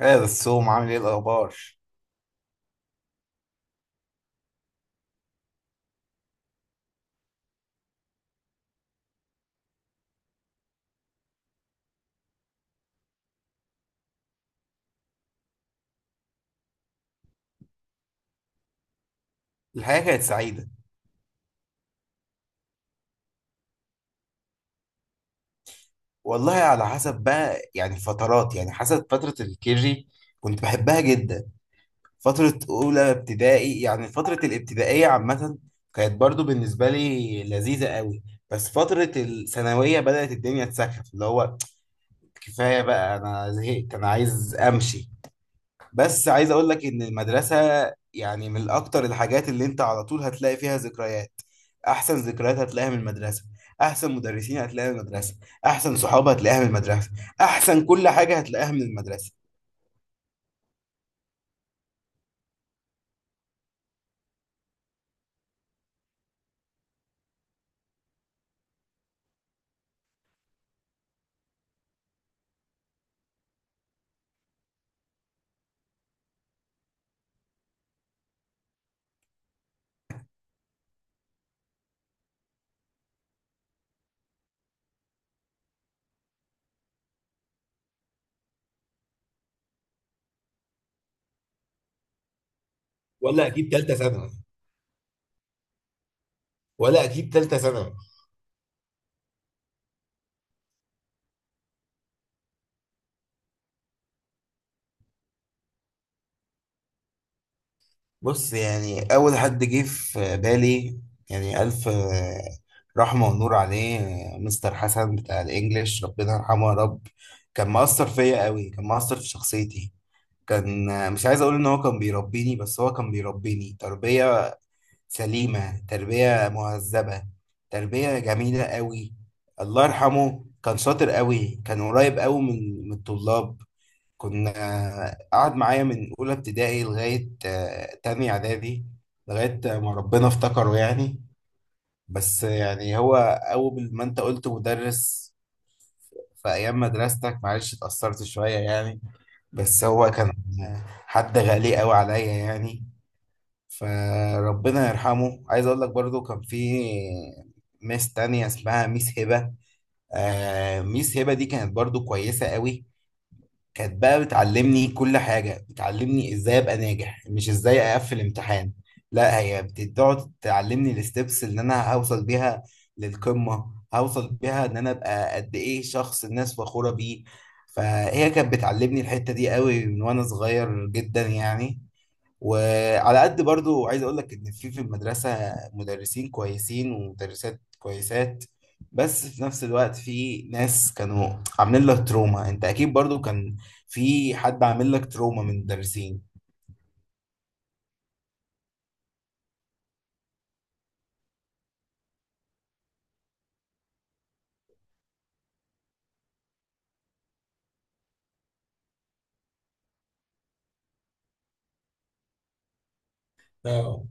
ايه الصوم؟ عامل ايه الاخبار؟ الحياه كانت سعيده. والله على حسب بقى يعني فترات يعني حسب فتره الكيجي كنت بحبها جدا. فتره اولى ابتدائي يعني فتره الابتدائيه عامه كانت برضو بالنسبه لي لذيذه قوي. بس فتره الثانويه بدات الدنيا تسخف، اللي هو كفايه بقى، انا زهقت، انا عايز امشي. بس عايز اقول لك ان المدرسه يعني من اكتر الحاجات اللي انت على طول هتلاقي فيها ذكريات. احسن ذكريات هتلاقيها من المدرسه، احسن مدرسين هتلاقيها من المدرسه، احسن صحاب هتلاقيها من المدرسه، احسن كل حاجه هتلاقيها من المدرسه. ولا اجيب ثالثه ثانوي ولا اجيب ثالثه ثانوي. بص، يعني اول حد جه في بالي يعني الف رحمه ونور عليه، مستر حسن بتاع الانجليش، ربنا يرحمه يا رب. كان مؤثر فيا قوي، كان مؤثر في شخصيتي. كان، مش عايز اقول ان هو كان بيربيني، بس هو كان بيربيني تربية سليمة، تربية مهذبة، تربية جميلة قوي. الله يرحمه كان شاطر قوي، كان قريب قوي من الطلاب. كنا، قعد معايا من اولى ابتدائي لغاية تاني اعدادي، لغاية ما ربنا افتكره يعني. بس يعني هو اول ما انت قلت مدرس في ايام مدرستك معلش اتأثرت شوية يعني. بس هو كان حد غالي قوي عليا يعني، فربنا يرحمه. عايز اقول لك برضو كان في ميس تانية اسمها ميس هبة. آه، ميس هبة دي كانت برضو كويسة قوي. كانت بقى بتعلمني كل حاجة، بتعلمني ازاي ابقى ناجح، مش ازاي اقفل امتحان. لا، هي بتقعد تعلمني الستبس اللي انا هوصل بيها للقمة، هوصل بيها ان انا ابقى قد ايه شخص الناس فخورة بيه. فهي كانت بتعلمني الحتة دي قوي من وانا صغير جدا يعني. وعلى قد برضو عايز اقول لك ان في المدرسة مدرسين كويسين ومدرسات كويسات، بس في نفس الوقت في ناس كانوا عاملين لك تروما. انت اكيد برضو كان في حد عامل لك تروما من المدرسين. اه،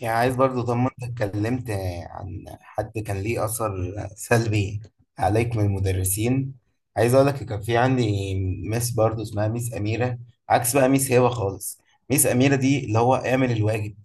يعني عايز برضو، طب ما انت اتكلمت عن حد كان ليه اثر سلبي عليك من المدرسين، عايز اقول لك كان في عندي ميس برضو اسمها ميس اميره، عكس بقى ميس هبه خالص. ميس اميره دي، اللي هو اعمل الواجب،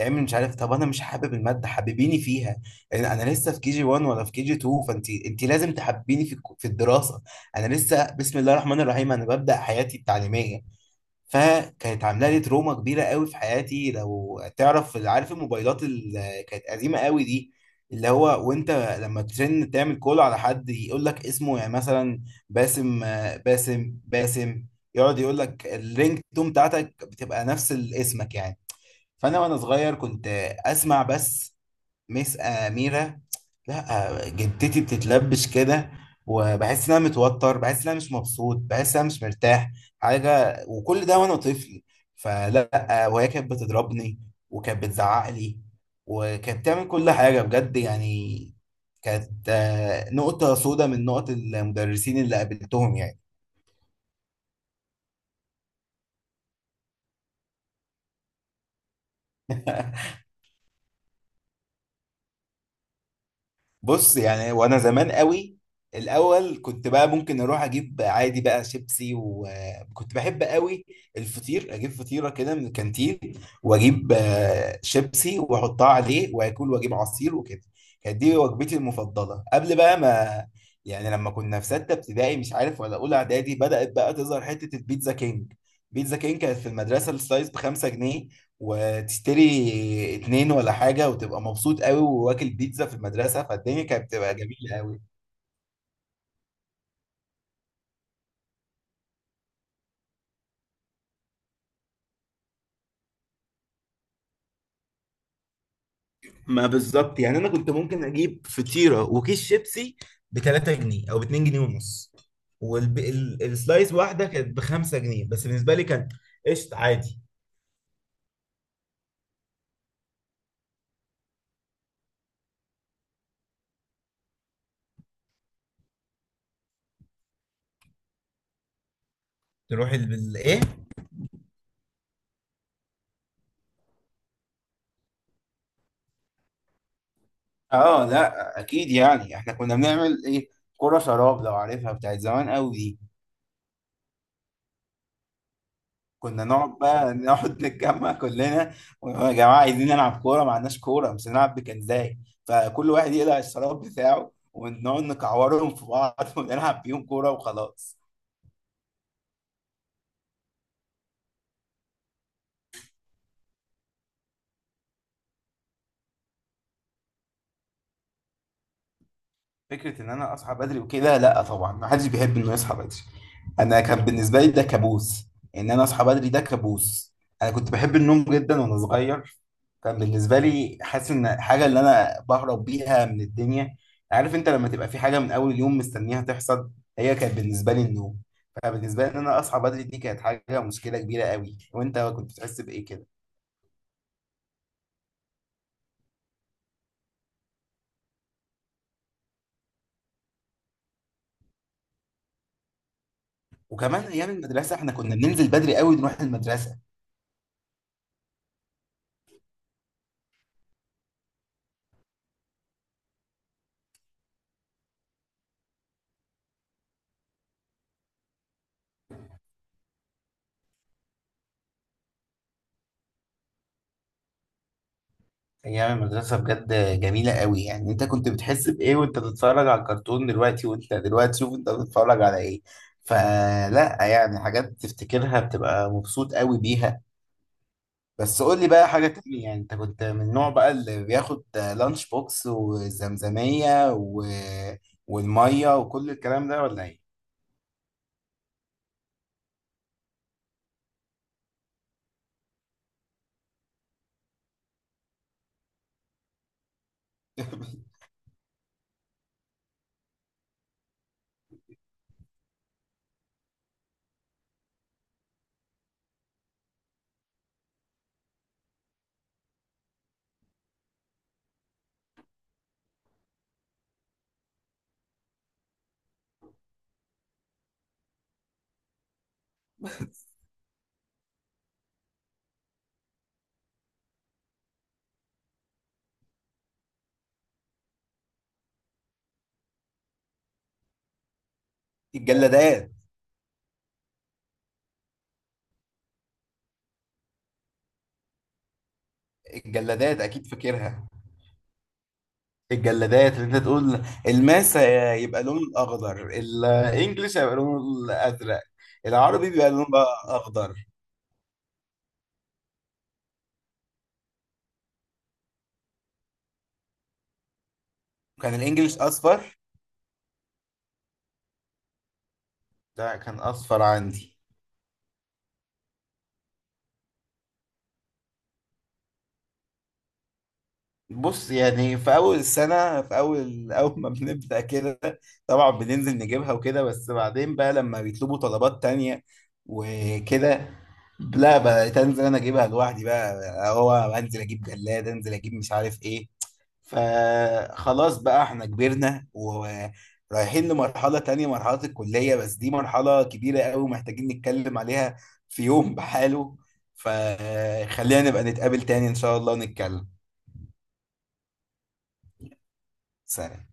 اعمل، مش عارف، طب انا مش حابب الماده، حببيني فيها. انا لسه في كي جي 1 ولا في كي جي 2، فانت لازم تحببيني في في الدراسه. انا لسه بسم الله الرحمن الرحيم، انا ببدا حياتي التعليميه. فكانت عامله لي تروما كبيره قوي في حياتي. لو تعرف، عارف الموبايلات اللي كانت قديمه قوي دي؟ اللي هو وانت لما ترن تعمل كول على حد يقول لك اسمه يعني، مثلا باسم، باسم. يقعد يقول لك الرينج تون بتاعتك بتبقى نفس اسمك يعني. فانا وانا صغير كنت اسمع بس "مس أميرة"، لا جدتي بتتلبش كده. وبحس ان انا متوتر، بحس ان انا مش مبسوط، بحس ان انا مش مرتاح حاجه، وكل ده وانا طفل. فلا، وهي كانت بتضربني، وكانت بتزعق لي، وكانت بتعمل كل حاجه بجد يعني. كانت نقطه سودة من نقط المدرسين اللي قابلتهم يعني. بص، يعني وانا زمان قوي الاول كنت بقى ممكن اروح اجيب عادي بقى شيبسي. وكنت بحب قوي الفطير، اجيب فطيره كده من الكانتين، واجيب شيبسي واحطها عليه واكل، واجيب عصير وكده. كانت دي وجبتي المفضله قبل بقى ما، يعني لما كنا في سته ابتدائي مش عارف ولا اولى اعدادي، بدات بقى تظهر حته البيتزا كينج. بيتزا كينج كانت في المدرسه السلايس ب 5 جنيه، وتشتري اتنين ولا حاجة وتبقى مبسوط قوي وواكل بيتزا في المدرسة، فالدنيا كانت بتبقى جميلة قوي. ما بالظبط يعني، انا كنت ممكن اجيب فطيرة وكيس شيبسي ب 3 جنيه او ب 2 جنيه ونص، والسلايس واحدة كانت ب 5 جنيه، بس بالنسبة لي كان قشط عادي. تروح ايه، اه لا اكيد، يعني احنا كنا بنعمل ايه، كرة شراب لو عارفها بتاعت زمان قوي. كنا نقعد نتجمع كلنا، يا جماعه عايزين نلعب كوره، ما عندناش كوره، مش هنلعب بكنزاي. فكل واحد يقلع الشراب بتاعه، ونقعد نكعورهم في بعض ونلعب بيهم كوره وخلاص. فكره ان انا اصحى بدري وكده؟ لا طبعا، ما حدش بيحب انه يصحى بدري. انا كان بالنسبه لي ده كابوس، ان انا اصحى بدري ده كابوس. انا كنت بحب النوم جدا وانا صغير. كان بالنسبه لي حاسس ان حاجه اللي انا بهرب بيها من الدنيا، عارف انت لما تبقى في حاجه من اول يوم مستنيها تحصل؟ هي كانت بالنسبه لي النوم. فبالنسبه لي ان انا اصحى بدري دي كانت حاجه، مشكله كبيره قوي. وانت كنت بتحس بايه كده؟ وكمان ايام المدرسه احنا كنا بننزل بدري قوي نروح المدرسه. ايام المدرسه بجد جميله قوي. يعني انت كنت بتحس بايه وانت بتتفرج على الكرتون دلوقتي؟ وانت دلوقتي شوف انت بتتفرج على ايه. فلا يعني، حاجات تفتكرها بتبقى مبسوط قوي بيها. بس قول لي بقى حاجة تانية، يعني انت كنت من النوع بقى اللي بياخد لانش بوكس والزمزمية و... والمية وكل الكلام ده ولا ايه؟ الجلادات. الجلادات اكيد فاكرها، الجلادات اللي انت تقول. الماس يبقى لونه الاخضر، الانجليش هيبقى لونه الازرق، العربي بيبقى لونه بقى اخضر. كان الانجليش اصفر، ده كان اصفر عندي. بص، يعني في اول السنه، في اول اول ما بنبدا كده طبعا بننزل نجيبها وكده. بس بعدين بقى لما بيطلبوا طلبات تانية وكده، لا بقيت انزل انا اجيبها لوحدي بقى. هو انزل اجيب جلاد، انزل اجيب مش عارف ايه. فخلاص بقى احنا كبرنا ورايحين لمرحله تانية، مرحله الكليه. بس دي مرحله كبيره قوي محتاجين نتكلم عليها في يوم بحاله. فخلينا نبقى نتقابل تاني ان شاء الله ونتكلم. سلام.